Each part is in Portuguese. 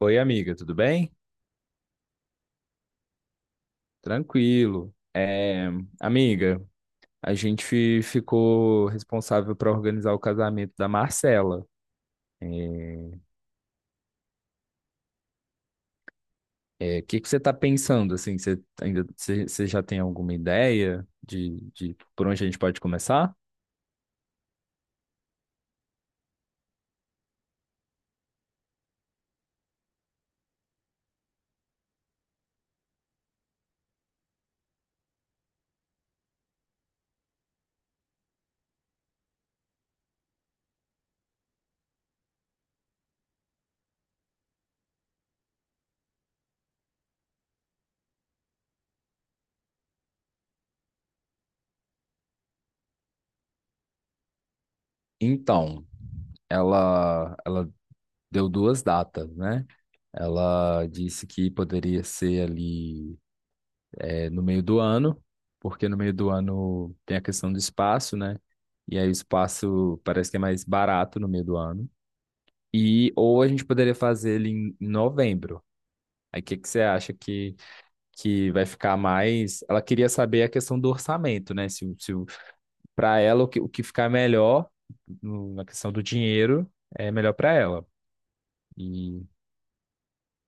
Oi, amiga, tudo bem? Tranquilo. É, amiga, a gente ficou responsável para organizar o casamento da Marcela. É, é, o que que você está pensando assim? Você já tem alguma ideia de por onde a gente pode começar? Então, ela deu duas datas, né? Ela disse que poderia ser ali, é, no meio do ano, porque no meio do ano tem a questão do espaço, né? E aí o espaço parece que é mais barato no meio do ano. E ou a gente poderia fazer ele em novembro. Aí o que que você acha que vai ficar mais? Ela queria saber a questão do orçamento, né? Se para ela o que ficar melhor na questão do dinheiro é melhor para ela. E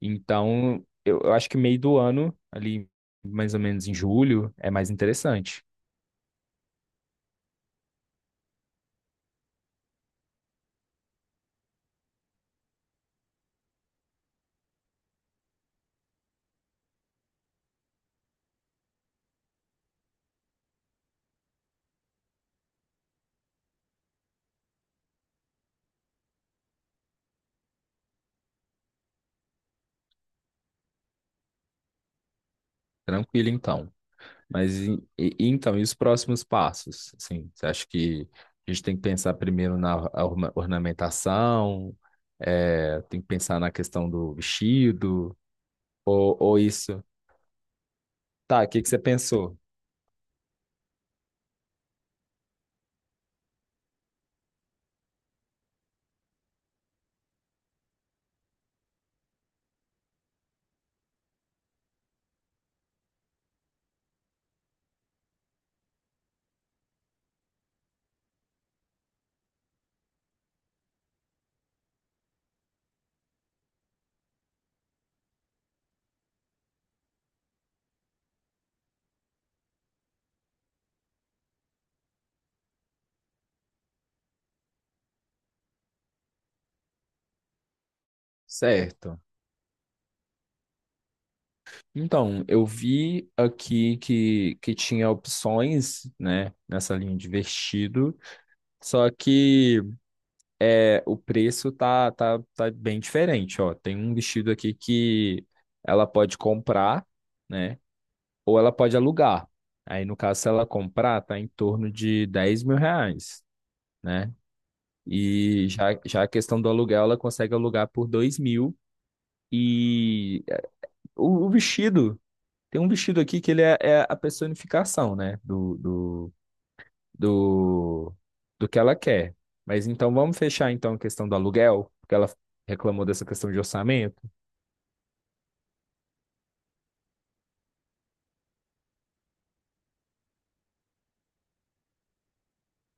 então eu acho que meio do ano ali mais ou menos em julho é mais interessante. Tranquilo então. Mas então, e os próximos passos? Assim, você acha que a gente tem que pensar primeiro na ornamentação, é, tem que pensar na questão do vestido, ou isso? Tá, o que que você pensou? Certo. Então, eu vi aqui que tinha opções, né, nessa linha de vestido, só que é, o preço tá bem diferente, ó. Tem um vestido aqui que ela pode comprar, né? Ou ela pode alugar. Aí, no caso, se ela comprar, tá em torno de R$ 10.000, né? E já a questão do aluguel, ela consegue alugar por 2.000. E o vestido, tem um vestido aqui que ele é a personificação, né? Do, do que ela quer. Mas então, vamos fechar então a questão do aluguel, porque ela reclamou dessa questão de orçamento.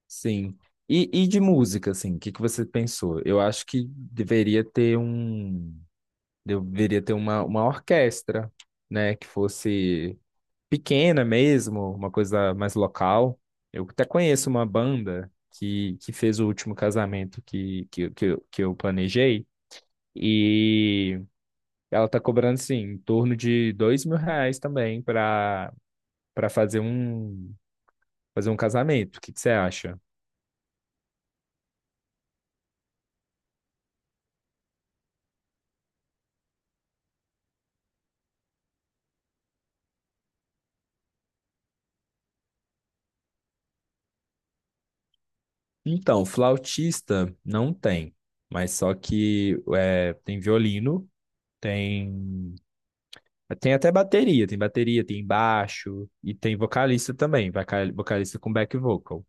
Sim. E de música, assim, o que que você pensou? Eu acho que deveria ter um. Deveria ter uma orquestra, né? Que fosse pequena mesmo, uma coisa mais local. Eu até conheço uma banda que fez o último casamento que eu planejei. E ela tá cobrando, assim, em torno de R$ 2.000 também para fazer um casamento. O que que você acha? Então, flautista não tem, mas só que é, tem violino, tem. Tem até bateria, tem baixo e tem vocalista também, vocalista com back vocal.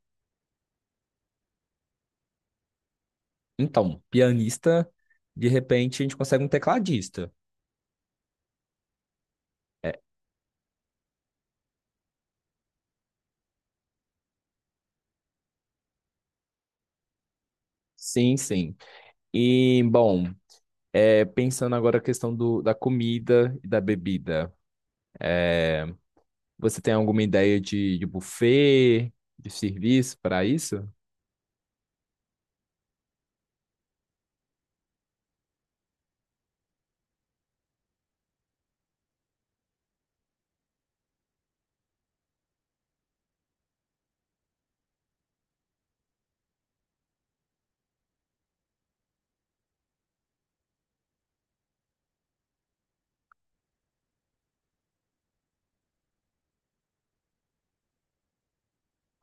Então, pianista, de repente a gente consegue um tecladista. É, sim, sim. E, bom, pensando agora a questão do, da comida e da bebida, você tem alguma ideia de buffet, de serviço para isso?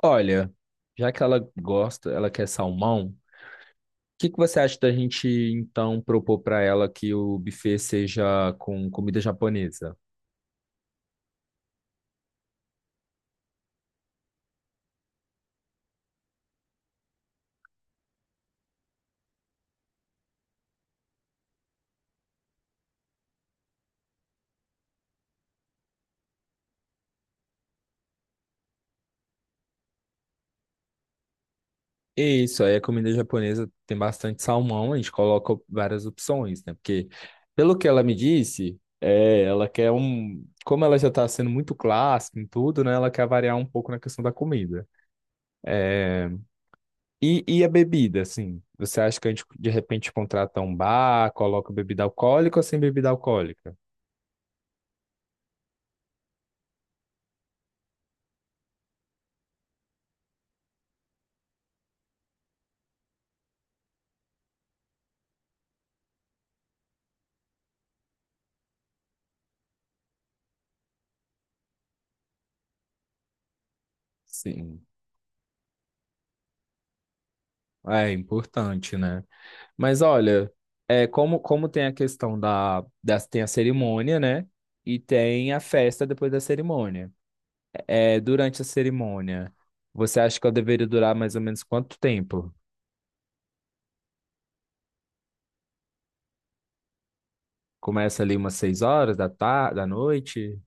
Olha, já que ela gosta, ela quer salmão. O que que você acha da gente então propor para ela que o buffet seja com comida japonesa? E isso, aí a comida japonesa tem bastante salmão, a gente coloca várias opções, né? Porque, pelo que ela me disse, é, ela quer um. Como ela já está sendo muito clássica em tudo, né? Ela quer variar um pouco na questão da comida. É, e a bebida, assim? Você acha que a gente de repente contrata um bar, coloca bebida alcoólica ou sem bebida alcoólica? Sim. É importante, né? Mas olha, é, como tem a questão da, das Tem a cerimônia, né? E tem a festa depois da cerimônia. É, durante a cerimônia, você acha que ela deveria durar mais ou menos quanto tempo? Começa ali umas seis horas da tarde, da noite?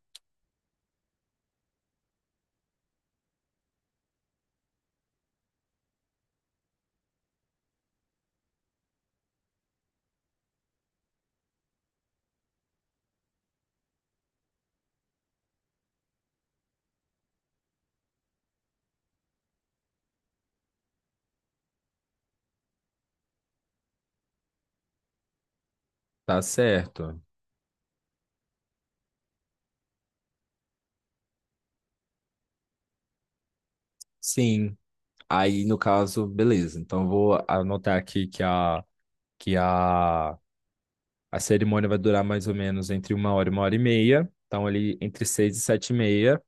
Tá certo. Sim. Aí, no caso, beleza. Então, eu vou anotar aqui que a cerimônia vai durar mais ou menos entre uma hora e meia. Então, ali entre seis e sete e meia.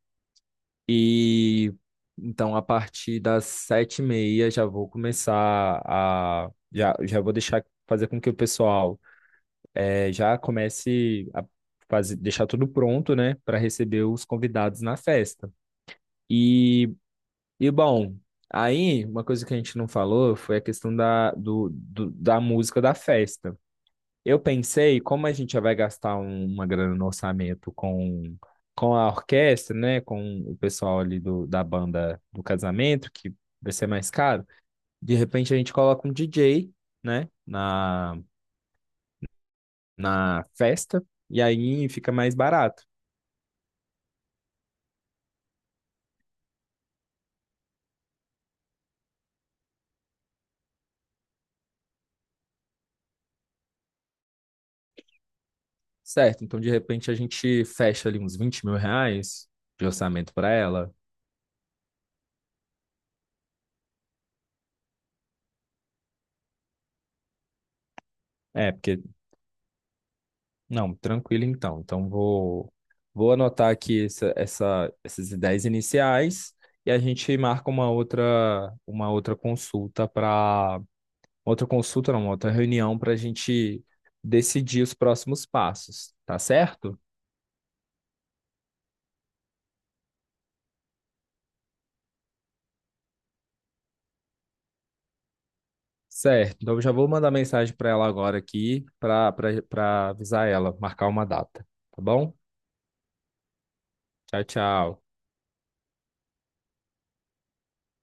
E então, a partir das sete e meia, já vou começar a. Já vou deixar fazer com que o pessoal já comece a fazer, deixar tudo pronto, né, para receber os convidados na festa. E, e bom, aí uma coisa que a gente não falou foi a questão da música da festa. Eu pensei, como a gente já vai gastar uma grana no orçamento com a orquestra, né? Com o pessoal ali do, da banda do casamento, que vai ser mais caro, de repente a gente coloca um DJ, né? Na festa, e aí fica mais barato. Certo, então de repente a gente fecha ali uns R$ 20.000 de orçamento para ela. É, porque não, tranquilo então. Então vou anotar aqui essas ideias iniciais e a gente marca uma outra consulta para outra consulta, não, uma outra reunião para a gente decidir os próximos passos, tá certo? Certo. Então eu já vou mandar mensagem para ela agora aqui para avisar ela, marcar uma data, tá bom? Tchau, tchau.